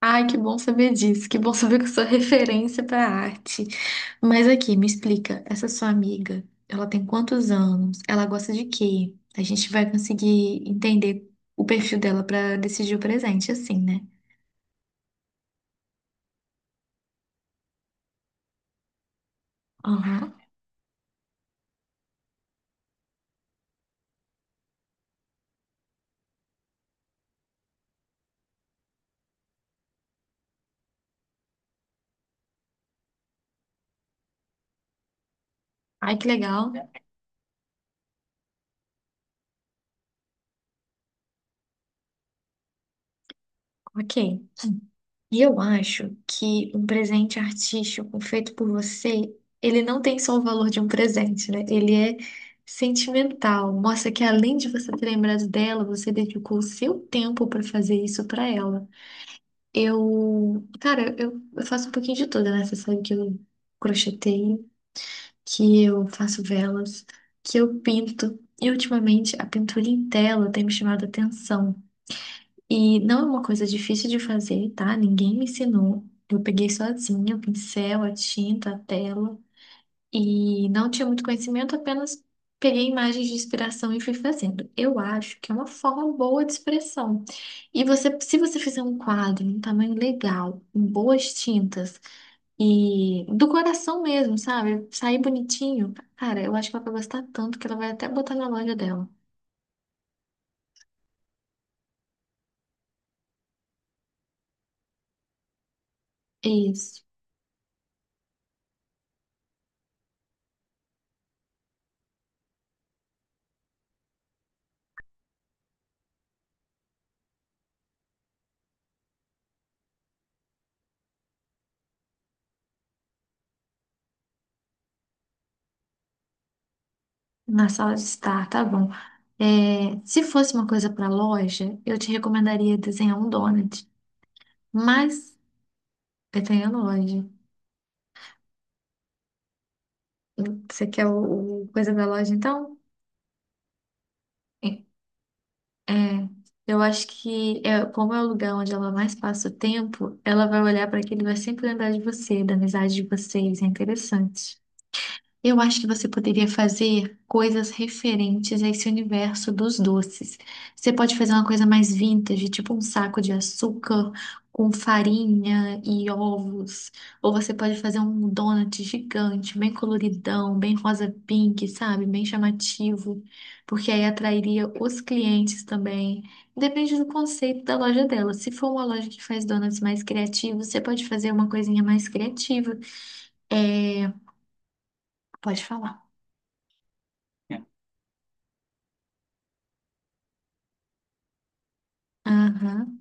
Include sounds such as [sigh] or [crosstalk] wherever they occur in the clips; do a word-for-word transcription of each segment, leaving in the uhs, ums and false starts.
Ai, que bom saber disso, que bom saber que eu sou referência para arte. Mas aqui, me explica, essa sua amiga, ela tem quantos anos? Ela gosta de quê? A gente vai conseguir entender o perfil dela para decidir o presente, assim, né? Aham. Ai, que legal. Ok. E eu acho que um presente artístico feito por você, ele não tem só o valor de um presente, né? Ele é sentimental. Mostra que além de você ter lembrado dela, você dedicou o seu tempo para fazer isso para ela. Eu, cara, eu, eu faço um pouquinho de tudo, né? Você sabe que eu crocheteio, que eu faço velas, que eu pinto. E ultimamente a pintura em tela tem me chamado a atenção. E não é uma coisa difícil de fazer, tá? Ninguém me ensinou. Eu peguei sozinha o pincel, a tinta, a tela e não tinha muito conhecimento, apenas peguei imagens de inspiração e fui fazendo. Eu acho que é uma forma boa de expressão. E você, se você fizer um quadro em um tamanho legal, em boas tintas e do coração mesmo, sabe? Sair bonitinho, cara, eu acho que ela vai gostar tanto que ela vai até botar na loja dela. É Isso. Na sala de estar, tá bom. É, se fosse uma coisa para loja, eu te recomendaria desenhar um donut, mas eu tenho a loja. Você quer o, o coisa da loja, então? É, é, eu acho que é, como é o lugar onde ela mais passa o tempo, ela vai olhar para aquilo e vai sempre lembrar de você, da amizade de vocês. É interessante. Eu acho que você poderia fazer coisas referentes a esse universo dos doces. Você pode fazer uma coisa mais vintage, tipo um saco de açúcar com farinha e ovos. Ou você pode fazer um donut gigante, bem coloridão, bem rosa pink, sabe? Bem chamativo, porque aí atrairia os clientes também. Depende do conceito da loja dela. Se for uma loja que faz donuts mais criativos, você pode fazer uma coisinha mais criativa. É... Pode falar. Aham.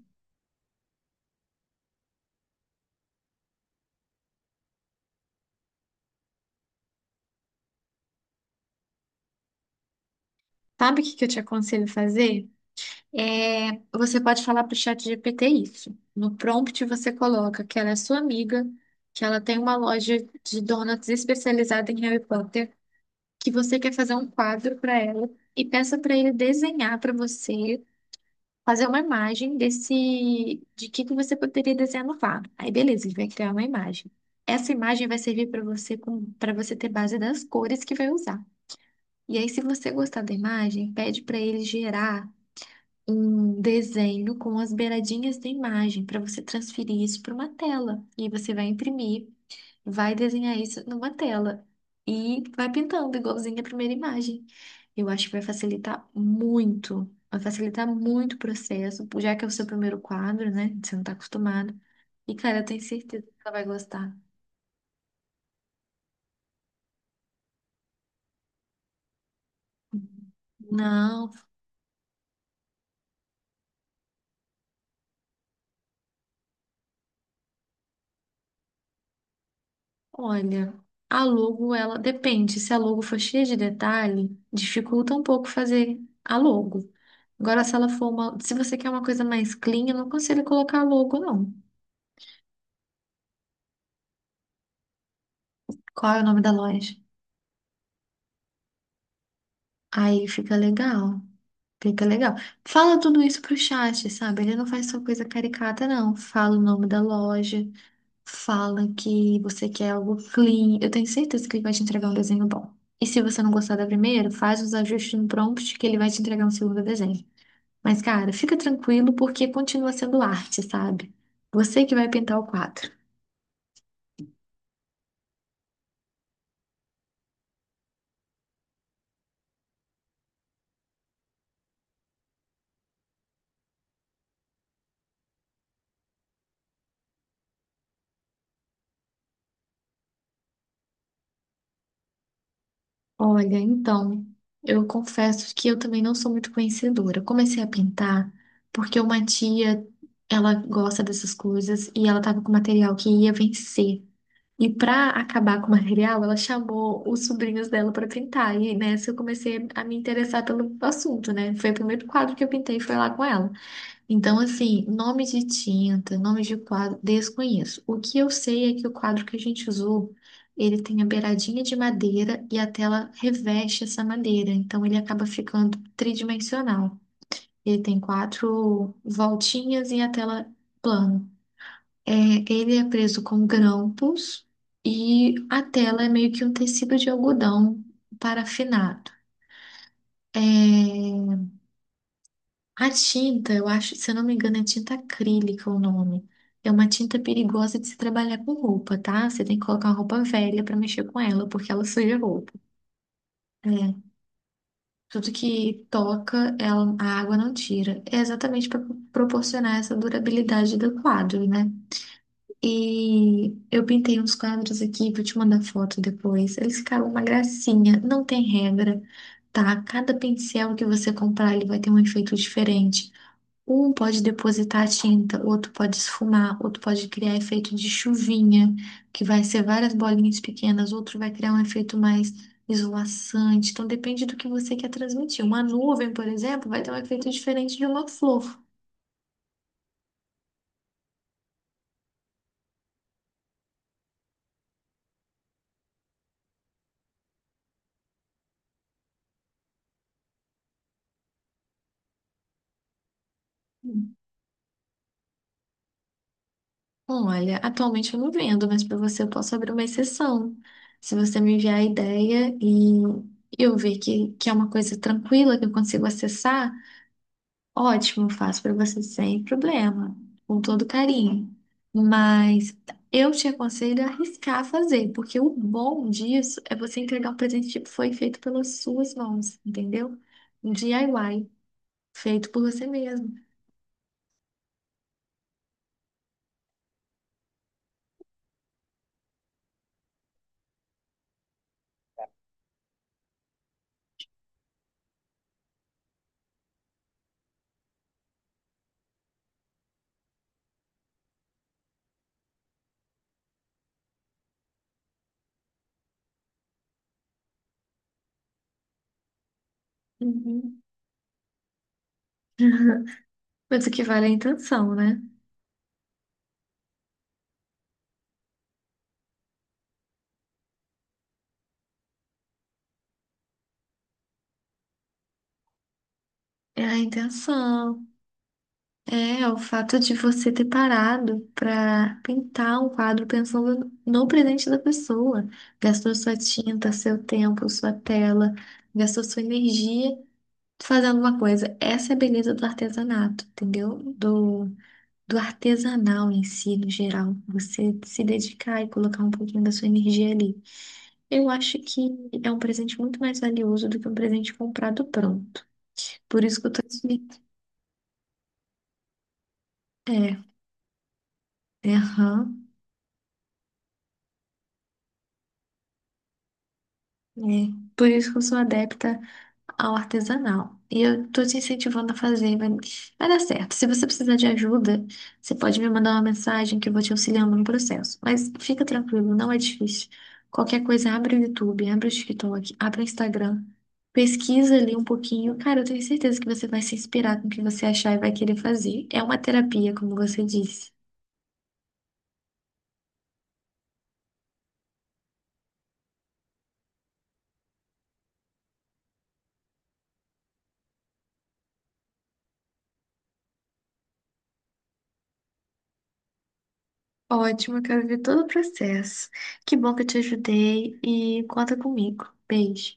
Sabe o que que eu te aconselho fazer? É, você pode falar para o chat G P T isso. No prompt você coloca que ela é sua amiga, que ela tem uma loja de donuts especializada em Harry Potter, que você quer fazer um quadro para ela e peça para ele desenhar para você, fazer uma imagem desse de que que você poderia desenhar no quadro. Aí beleza, ele vai criar uma imagem. Essa imagem vai servir para você para você ter base das cores que vai usar. E aí, se você gostar da imagem, pede para ele gerar um desenho com as beiradinhas da imagem, para você transferir isso para uma tela. E aí você vai imprimir, vai desenhar isso numa tela e vai pintando igualzinho a primeira imagem. Eu acho que vai facilitar muito, vai facilitar muito o processo, já que é o seu primeiro quadro, né? Você não está acostumado. E, cara, eu tenho certeza que ela vai gostar. Não, Olha, a logo, ela depende. Se a logo for cheia de detalhe, dificulta um pouco fazer a logo. Agora, se ela for uma, se você quer uma coisa mais clean, eu não aconselho colocar logo, não. Qual é o nome da loja? Aí fica legal. Fica legal. Fala tudo isso pro chat, sabe? Ele não faz só coisa caricata, não. Fala o nome da loja, fala que você quer algo clean. Eu tenho certeza que ele vai te entregar um desenho bom. E se você não gostar da primeira, faz os ajustes no prompt que ele vai te entregar um segundo desenho. Mas, cara, fica tranquilo porque continua sendo arte, sabe? Você que vai pintar o quadro. Olha, então, eu confesso que eu também não sou muito conhecedora. Eu comecei a pintar porque uma tia, ela gosta dessas coisas e ela tava com material que ia vencer. E pra acabar com o material, ela chamou os sobrinhos dela pra pintar. E nessa eu comecei a me interessar pelo assunto, né? Foi o primeiro quadro que eu pintei, foi lá com ela. Então, assim, nome de tinta, nome de quadro, desconheço. O que eu sei é que o quadro que a gente usou, ele tem a beiradinha de madeira e a tela reveste essa madeira. Então, ele acaba ficando tridimensional. Ele tem quatro voltinhas e a tela plana. É, ele é preso com grampos e a tela é meio que um tecido de algodão parafinado. É, a tinta, eu acho, se eu não me engano, é tinta acrílica o nome. É uma tinta perigosa de se trabalhar com roupa, tá? Você tem que colocar uma roupa velha para mexer com ela, porque ela suja a roupa. É, tudo que toca, ela, a água não tira. É exatamente para proporcionar essa durabilidade do quadro, né? E eu pintei uns quadros aqui, vou te mandar foto depois. Eles ficaram uma gracinha, não tem regra, tá? Cada pincel que você comprar, ele vai ter um efeito diferente. Um pode depositar a tinta, outro pode esfumar, outro pode criar efeito de chuvinha, que vai ser várias bolinhas pequenas, outro vai criar um efeito mais esvoaçante. Então depende do que você quer transmitir. Uma nuvem, por exemplo, vai ter um efeito diferente de uma flor. Olha, atualmente eu não vendo, mas para você eu posso abrir uma exceção. Se você me enviar a ideia e eu ver que, que é uma coisa tranquila, que eu consigo acessar, ótimo, eu faço para você sem problema, com todo carinho. Mas eu te aconselho a arriscar a fazer, porque o bom disso é você entregar um presente que foi feito pelas suas mãos, entendeu? Um D I Y, feito por você mesmo. Uhum. [laughs] Mas o que vale é a intenção, né? É a intenção. É, o fato de você ter parado para pintar um quadro pensando no presente da pessoa. Gastou sua tinta, seu tempo, sua tela, gastou sua energia fazendo uma coisa. Essa é a beleza do artesanato, entendeu? Do, do artesanal em si, no geral. Você se dedicar e colocar um pouquinho da sua energia ali. Eu acho que é um presente muito mais valioso do que um presente comprado pronto. Por isso que eu tô te... É, é, aham. É, por isso que eu sou adepta ao artesanal. E eu tô te incentivando a fazer, vai, vai dar certo. Se você precisar de ajuda, você pode me mandar uma mensagem que eu vou te auxiliando no processo. Mas fica tranquilo, não é difícil. Qualquer coisa, abre o YouTube, abre o TikTok, abre o Instagram, pesquisa ali um pouquinho. Cara, eu tenho certeza que você vai se inspirar com o que você achar e vai querer fazer. É uma terapia, como você disse. Ótimo, eu quero ver todo o processo. Que bom que eu te ajudei e conta comigo. Beijo.